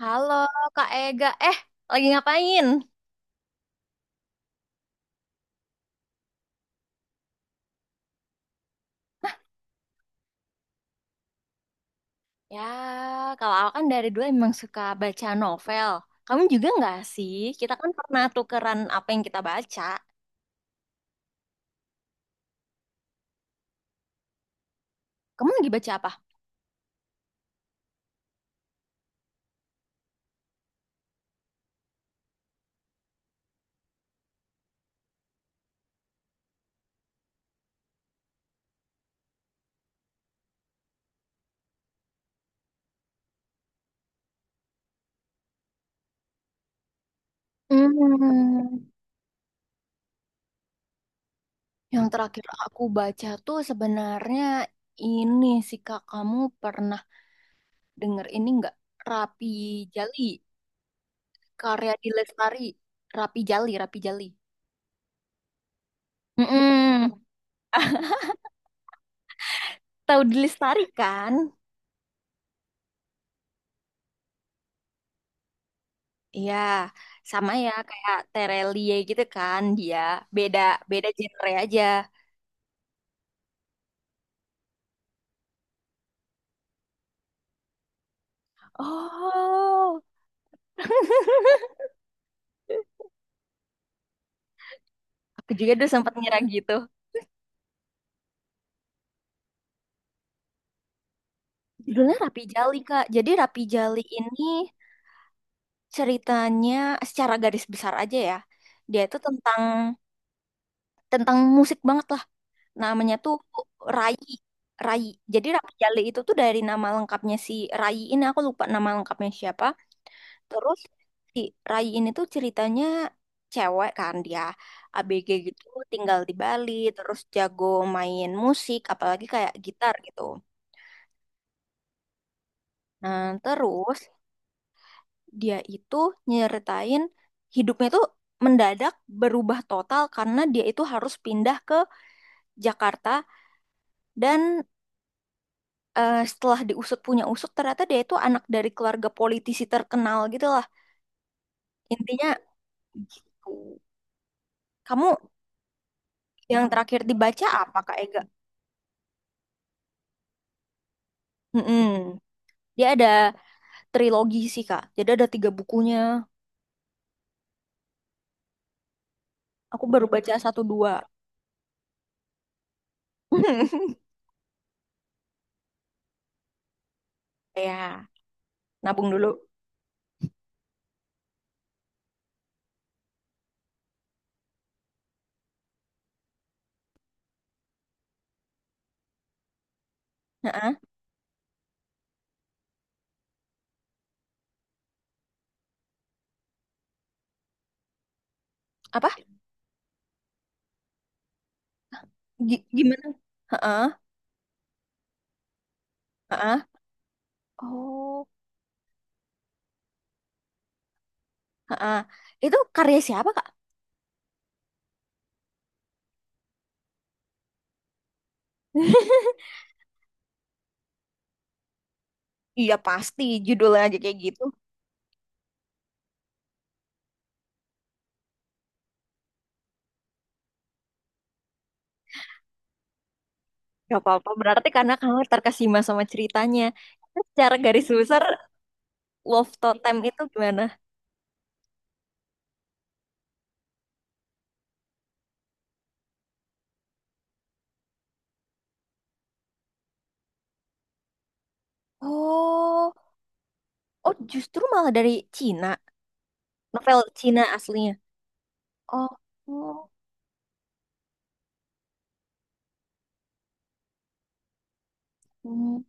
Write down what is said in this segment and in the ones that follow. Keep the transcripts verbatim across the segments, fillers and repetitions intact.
Halo Kak Ega, eh lagi ngapain? Ya, kalau aku kan dari dulu emang suka baca novel. Kamu juga nggak sih? Kita kan pernah tukeran apa yang kita baca. Kamu lagi baca apa? Hmm, yang terakhir aku baca tuh sebenarnya ini sih Kak, kamu pernah denger ini nggak? Rapi Jali, karya Di Lestari. Rapi Jali, Rapi Jali. Mm-mm. Tahu Di Lestari kan? Iya, sama ya kayak Terelie gitu kan dia. Beda, beda genre aja. Oh, aku juga dulu sempat ngira gitu. Judulnya Rapi Jali, Kak. Jadi Rapi Jali ini ceritanya secara garis besar aja ya. Dia itu tentang tentang musik banget lah. Namanya tuh Rai. Rai. Jadi Rapi Jali itu tuh dari nama lengkapnya si Rai, ini aku lupa nama lengkapnya siapa. Terus si Rai ini tuh ceritanya cewek kan dia, A B G gitu, tinggal di Bali terus jago main musik apalagi kayak gitar gitu. Nah, terus dia itu nyeritain hidupnya tuh mendadak berubah total karena dia itu harus pindah ke Jakarta dan eh, setelah diusut punya usut ternyata dia itu anak dari keluarga politisi terkenal gitu lah. Intinya gitu. Kamu yang terakhir dibaca apa, Kak Ega? Mm-mm. Dia ada trilogi sih, Kak. Jadi ada tiga bukunya. Aku baru baca satu dua. Ya, nabung dulu. Heeh. Apa? Gi- gimana? Heeh. Heeh. Oh. Heeh. Itu karya siapa, Kak? Iya, pasti judulnya aja kayak gitu. Gak apa-apa. Berarti karena kamu terkesima sama ceritanya. Secara garis besar, Love Totem itu gimana? Oh, oh, justru malah dari Cina. Novel Cina aslinya. Oh, oh.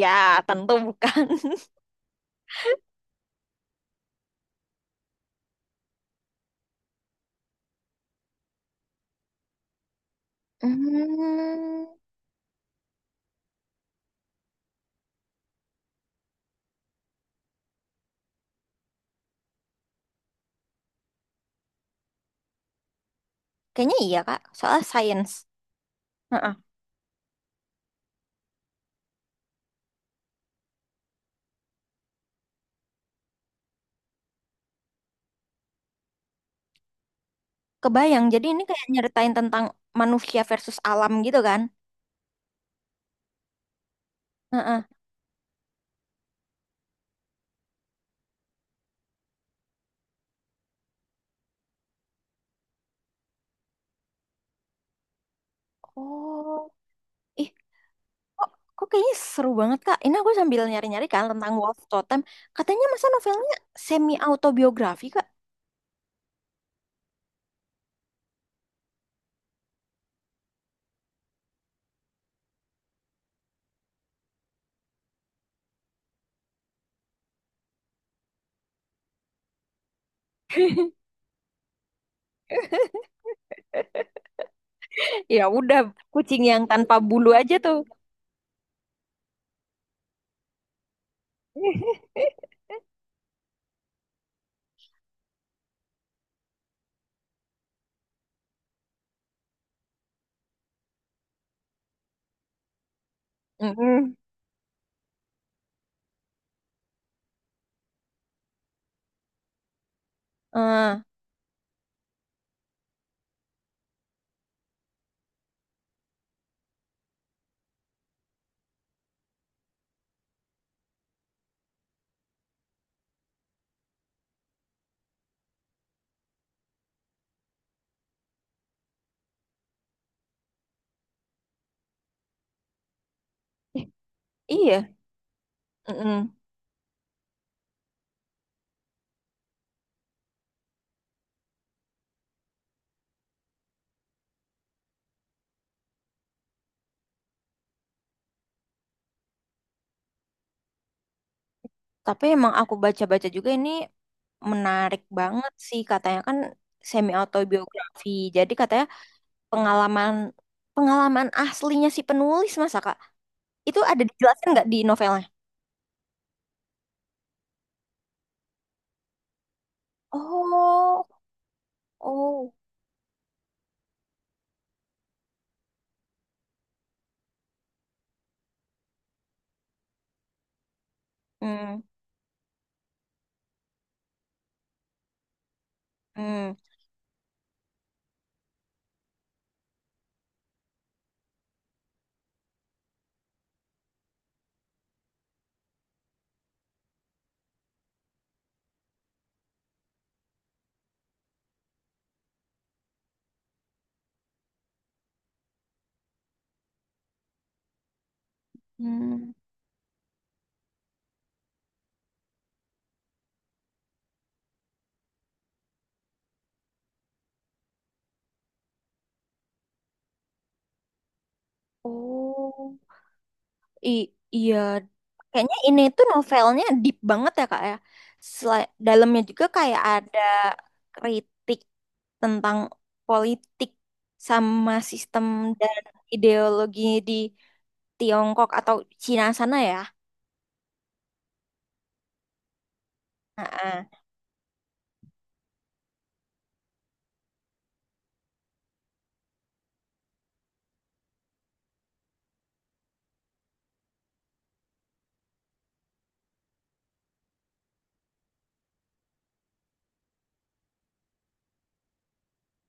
Ya, tentu bukan. Hmm, kayaknya iya Kak, soal sains. Heeh. Kebayang, jadi ini kayak nyeritain tentang manusia versus alam gitu kan? Heeh. Oh, ih, kok, kok kayaknya seru banget Kak. Ini aku sambil nyari-nyari kan tentang Wolf Totem. Katanya masa novelnya semi autobiografi Kak? Ya udah, kucing yang tanpa bulu aja tuh. Mm-mm. Eh, iya. Mm-mm. Tapi emang aku baca-baca juga ini menarik banget sih katanya kan semi autobiografi. Jadi katanya pengalaman pengalaman aslinya si penulis masa Kak? Itu ada dijelaskan nggak di novelnya? Oh, oh. Hmm, hmm, hmm. Oh. I- iya, kayaknya ini tuh novelnya deep banget ya Kak ya. Sela- dalamnya juga kayak ada kritik tentang politik sama sistem dan ideologi di Tiongkok atau Cina sana ya. Heeh.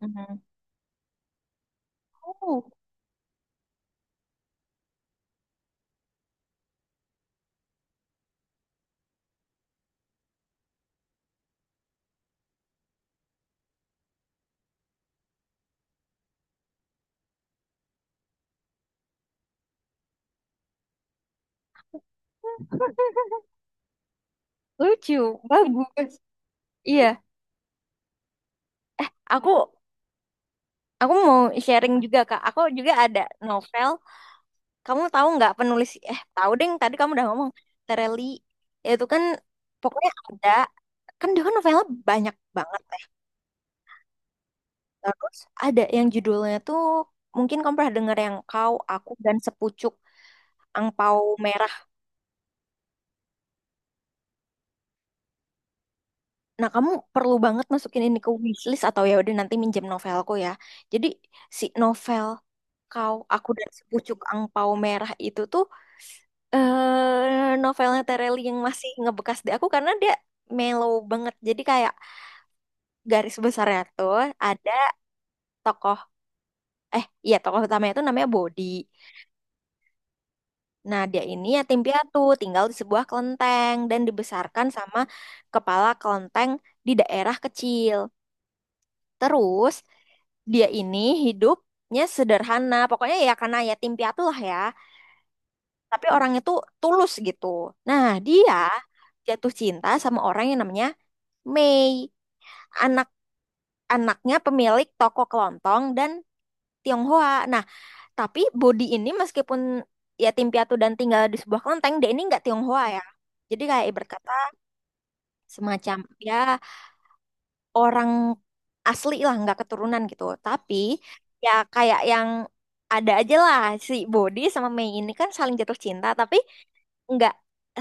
Mhm. Oh, lucu, bagus. Iya, aku aku mau sharing juga Kak. Aku juga ada novel. Kamu tahu nggak penulis, eh tahu deng, tadi kamu udah ngomong Tereli itu kan, pokoknya ada, kan dia kan novelnya banyak banget ya. Terus ada yang judulnya tuh mungkin kamu pernah denger, yang Kau, Aku dan Sepucuk Angpau Merah. Nah, kamu perlu banget masukin ini ke wishlist atau ya udah nanti minjem novelku ya. Jadi si novel Kau, Aku dan Sepucuk Angpau Merah itu tuh eh novelnya Tereli yang masih ngebekas di aku karena dia mellow banget. Jadi kayak garis besarnya tuh ada tokoh, eh iya, tokoh utamanya itu namanya Bodi. Nah, dia ini yatim piatu, tinggal di sebuah kelenteng dan dibesarkan sama kepala kelenteng di daerah kecil. Terus dia ini hidupnya sederhana, pokoknya ya karena yatim piatu lah ya. Tapi orangnya tuh tulus gitu. Nah, dia jatuh cinta sama orang yang namanya Mei, anak-anaknya pemilik toko kelontong dan Tionghoa. Nah, tapi Bodi ini meskipun ya tim piatu dan tinggal di sebuah kelenteng, dia ini nggak Tionghoa ya. Jadi kayak ibarat kata semacam ya orang asli lah, nggak keturunan gitu. Tapi ya kayak yang ada aja lah, si Bodi sama Mei ini kan saling jatuh cinta, tapi nggak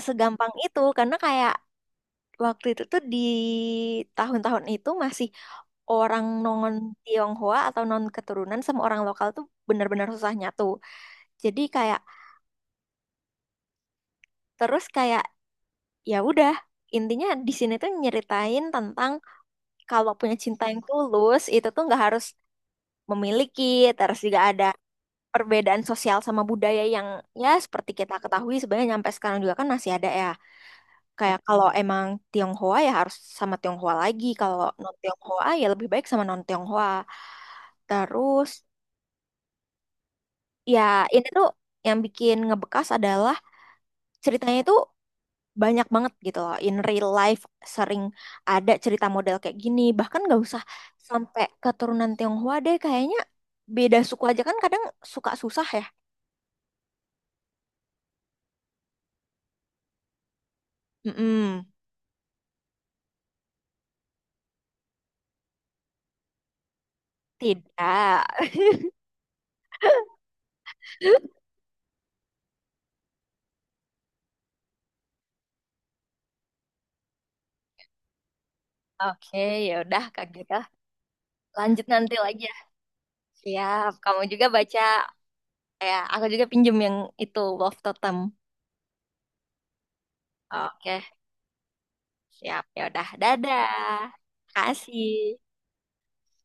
segampang itu karena kayak waktu itu tuh di tahun-tahun itu masih, orang non Tionghoa atau non keturunan sama orang lokal tuh benar-benar susah nyatu. Jadi kayak, terus kayak ya udah, intinya di sini tuh nyeritain tentang kalau punya cinta yang tulus itu tuh nggak harus memiliki, terus juga ada perbedaan sosial sama budaya yang ya seperti kita ketahui sebenarnya nyampe sekarang juga kan masih ada ya, kayak kalau emang Tionghoa ya harus sama Tionghoa lagi, kalau non Tionghoa ya lebih baik sama non Tionghoa. Terus ya ini tuh yang bikin ngebekas adalah ceritanya itu banyak banget gitu loh, in real life sering ada cerita model kayak gini, bahkan nggak usah sampai keturunan Tionghoa deh, kayaknya beda suku aja kan kadang suka susah ya. Mm-mm. Tidak. Oke, ya udah Kak, gitu, lanjut nanti lagi ya. Siap, kamu juga baca ya. Aku juga pinjem yang itu, Wolf Totem. Oke, siap, ya udah, dadah, kasih.